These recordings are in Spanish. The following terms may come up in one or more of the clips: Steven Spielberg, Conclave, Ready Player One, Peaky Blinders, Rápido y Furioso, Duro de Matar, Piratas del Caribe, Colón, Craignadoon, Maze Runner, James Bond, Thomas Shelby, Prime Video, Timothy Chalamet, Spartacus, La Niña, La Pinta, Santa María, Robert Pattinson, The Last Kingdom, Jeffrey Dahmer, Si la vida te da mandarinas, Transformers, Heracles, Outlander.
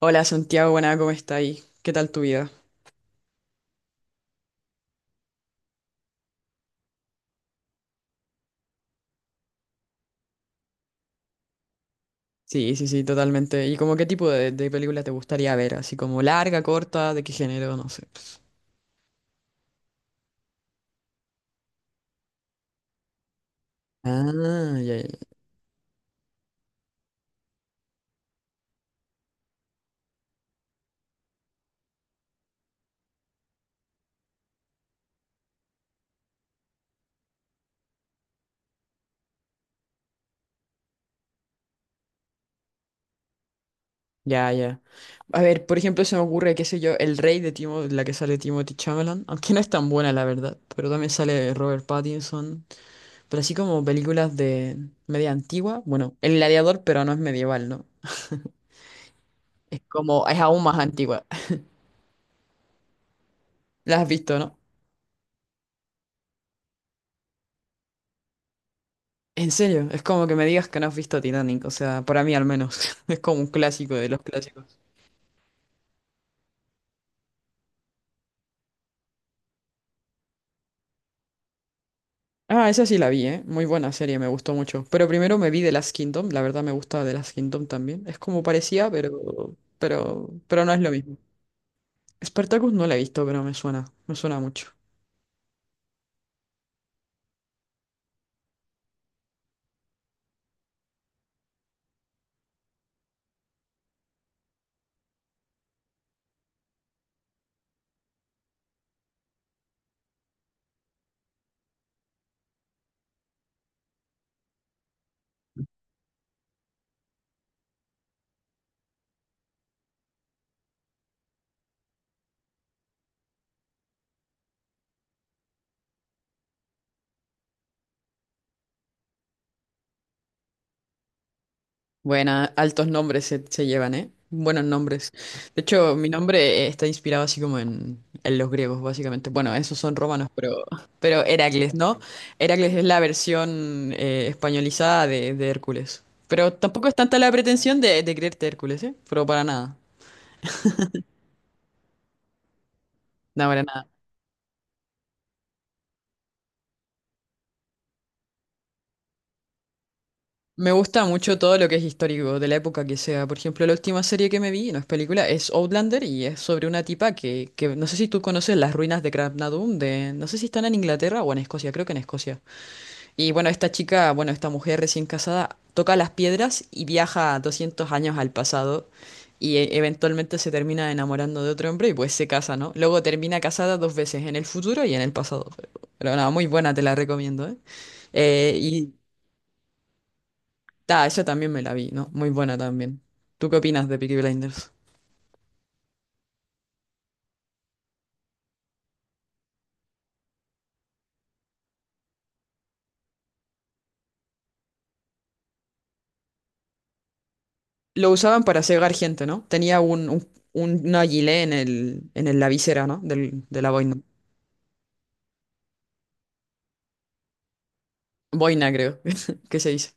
Hola Santiago, buena, ¿cómo está ahí? ¿Qué tal tu vida? Sí, sí, sí, totalmente. ¿Y como qué tipo de película te gustaría ver? Así como larga, corta, de qué género, no sé. Ah, ya, ya, ya. Ya. A ver, por ejemplo, se me ocurre, qué sé yo, El Rey de Timo, la que sale Timothy Chalamet, aunque no es tan buena, la verdad, pero también sale Robert Pattinson, pero así como películas de media antigua, bueno, El Gladiador, pero no es medieval, ¿no? Es como, es aún más antigua. La has visto, ¿no? En serio, es como que me digas que no has visto Titanic, o sea, para mí al menos, es como un clásico de los clásicos. Ah, esa sí la vi, ¿eh? Muy buena serie, me gustó mucho. Pero primero me vi The Last Kingdom, la verdad me gusta The Last Kingdom también. Es como parecía, pero no es lo mismo. Spartacus no la he visto, pero me suena mucho. Buena, altos nombres se llevan, ¿eh? Buenos nombres. De hecho, mi nombre está inspirado así como en, los griegos, básicamente. Bueno, esos son romanos, pero Heracles, ¿no? Heracles es la versión españolizada de Hércules. Pero tampoco es tanta la pretensión de creerte Hércules, ¿eh? Pero para nada. No, para nada. Me gusta mucho todo lo que es histórico, de la época que sea. Por ejemplo, la última serie que me vi, no es película, es Outlander y es sobre una tipa que no sé si tú conoces las ruinas de Craignadoon, no sé si están en Inglaterra o en Escocia, creo que en Escocia. Y bueno, esta chica, bueno, esta mujer recién casada, toca las piedras y viaja 200 años al pasado y eventualmente se termina enamorando de otro hombre y pues se casa, ¿no? Luego termina casada dos veces, en el futuro y en el pasado. Pero nada, muy buena, te la recomiendo, ¿eh? Y... Ah, esa también me la vi, ¿no? Muy buena también. ¿Tú qué opinas de Peaky Blinders? Lo usaban para cegar gente, ¿no? Tenía un, una gilet en el, la visera, ¿no? De la boina. Boina, creo. ¿Qué se dice?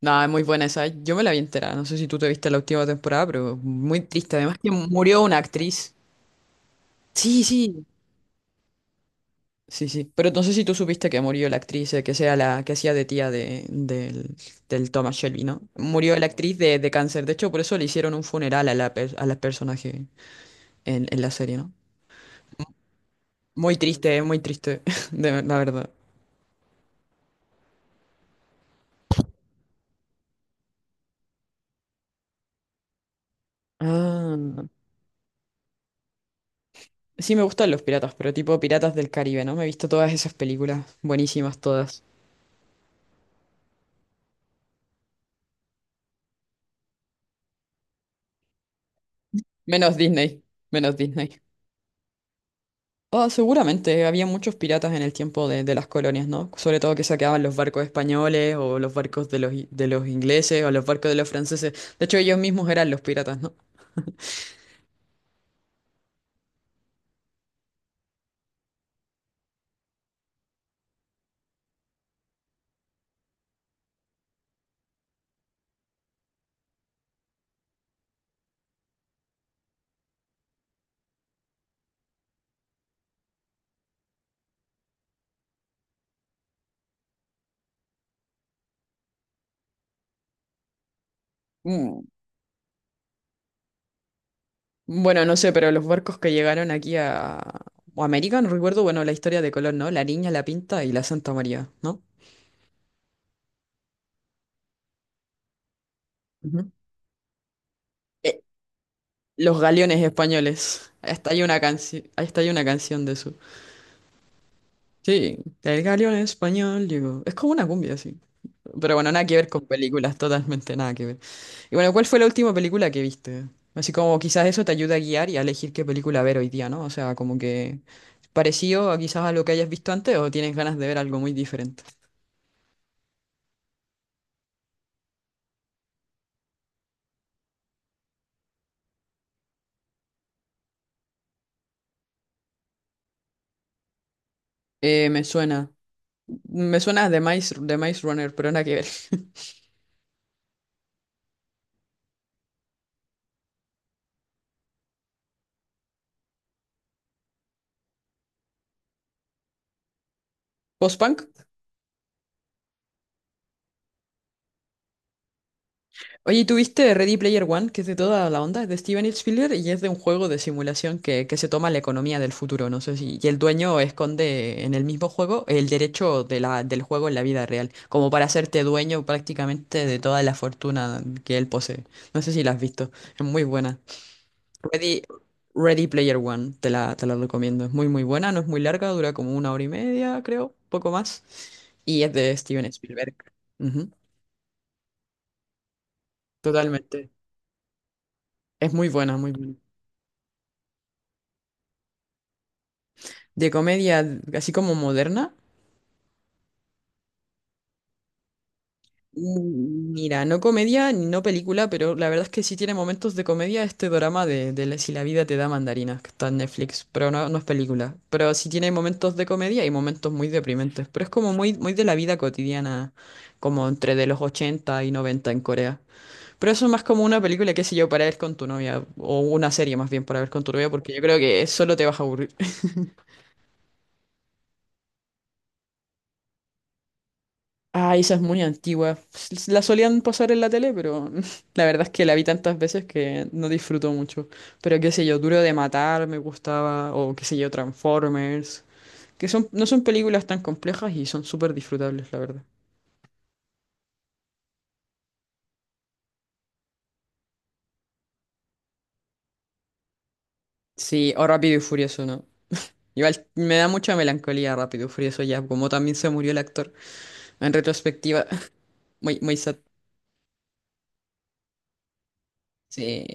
No, es muy buena esa. ¿Eh? Yo me la vi entera. No sé si tú te viste la última temporada, pero muy triste. Además que murió una actriz. Sí, sí. Sí, sí. Pero no sé si tú supiste que murió la actriz, que sea la que hacía de tía de, del Thomas Shelby, ¿no? Murió la actriz de cáncer. De hecho, por eso le hicieron un funeral a la, a la personaje en la serie, ¿no? Muy triste, la verdad. Ah, sí me gustan los piratas, pero tipo Piratas del Caribe, ¿no? Me he visto todas esas películas, buenísimas todas. Menos Disney, menos Disney. Ah, seguramente había muchos piratas en el tiempo de las colonias, ¿no? Sobre todo que saqueaban los barcos españoles o los barcos de los, de los ingleses o los barcos de los franceses. De hecho, ellos mismos eran los piratas, ¿no? Mm. Bueno, no sé, pero los barcos que llegaron aquí a América, no recuerdo, bueno, la historia de Colón, ¿no? La Niña, la Pinta y la Santa María, ¿no? Ujú. Eh, Los galeones españoles. Hasta hay una canción, hasta hay una canción de eso. Sí, el galeón español digo. Es como una cumbia, sí. Pero bueno, nada que ver con películas, totalmente nada que ver. Y bueno, ¿cuál fue la última película que viste? Así como quizás eso te ayuda a guiar y a elegir qué película ver hoy día, ¿no? O sea, como que parecido a quizás a lo que hayas visto antes o tienes ganas de ver algo muy diferente. Me suena. Me suena de Maze Runner, pero nada que ver. ¿Post-punk? Oye, ¿tuviste Ready Player One, que es de toda la onda? Es de Steven Spielberg y es de un juego de simulación que se toma la economía del futuro, no sé si. Y el dueño esconde en el mismo juego el derecho del juego en la vida real, como para hacerte dueño prácticamente de toda la fortuna que él posee. No sé si la has visto. Es muy buena. Ready, Ready Player One, te la recomiendo. Es muy, muy buena, no es muy larga, dura como una hora y media, creo, poco más. Y es de Steven Spielberg. Ujú, totalmente. Es muy buena, muy buena. De comedia, así como moderna. Mm, mira, no comedia ni no película, pero la verdad es que sí tiene momentos de comedia este drama Si la vida te da mandarinas, que está en Netflix, pero no, no es película. Pero sí tiene momentos de comedia y momentos muy deprimentes, pero es como muy, muy de la vida cotidiana, como entre de los 80 y 90 en Corea. Pero eso es más como una película, qué sé yo, para ver con tu novia, o una serie más bien para ver con tu novia, porque yo creo que solo te vas a aburrir. Ah, esa es muy antigua. La solían pasar en la tele, pero la verdad es que la vi tantas veces que no disfruto mucho. Pero qué sé yo, Duro de Matar me gustaba, o qué sé yo, Transformers, no son películas tan complejas y son súper disfrutables, la verdad. Sí, o Rápido y Furioso, ¿no? Igual me da mucha melancolía Rápido y Furioso ya, como también se murió el actor en retrospectiva. Muy, muy sad. Sí.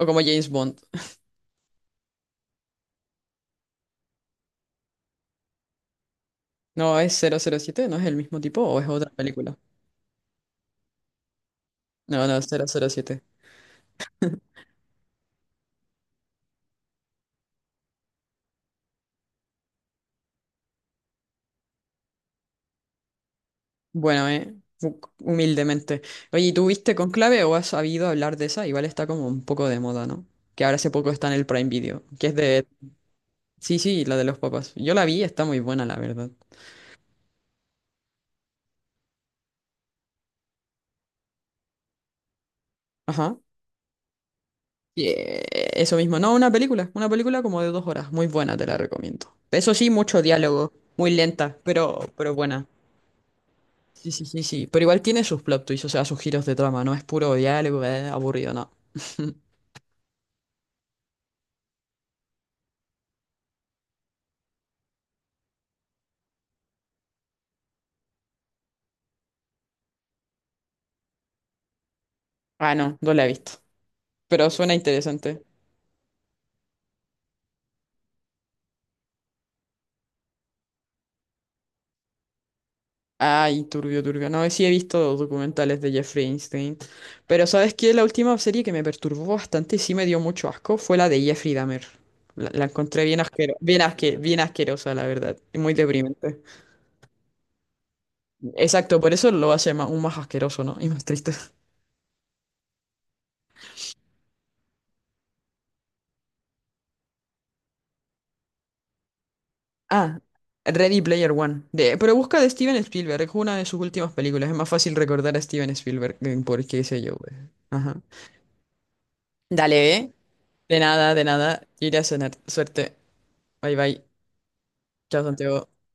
O como James Bond. No, es 007, ¿no es el mismo tipo o es otra película? No, no, 007. Bueno, humildemente. Oye, ¿y tú viste Conclave o has sabido hablar de esa? Igual está como un poco de moda, ¿no? Que ahora hace poco está en el Prime Video, que es de... Sí, sí, la de los papás. Yo la vi, está muy buena, la verdad. Ajá. Y, eso mismo, no, una película como de 2 horas, muy buena, te la recomiendo. Eso sí, mucho diálogo, muy lenta, pero buena. Sí, sí, sí, sí, pero igual tiene sus plot twists, o sea, sus giros de trama, no es puro diálogo, aburrido, no. Ah, no, no la he visto, pero suena interesante. Ay, turbio, turbio. No, sí he visto documentales de Jeffrey Einstein. Pero ¿sabes qué? La última serie que me perturbó bastante y sí me dio mucho asco fue la de Jeffrey Dahmer. La encontré bien asquero, bien asquerosa, la verdad. Y muy deprimente. Exacto, por eso lo hace aún más asqueroso, ¿no? Y más triste. Ah, Ready Player One. Pero busca de Steven Spielberg, es una de sus últimas películas. Es más fácil recordar a Steven Spielberg porque sé yo, güey. Ajá. Dale, ¿eh? De nada, de nada. Iré a cenar. Suerte. Bye bye. Chao, Santiago.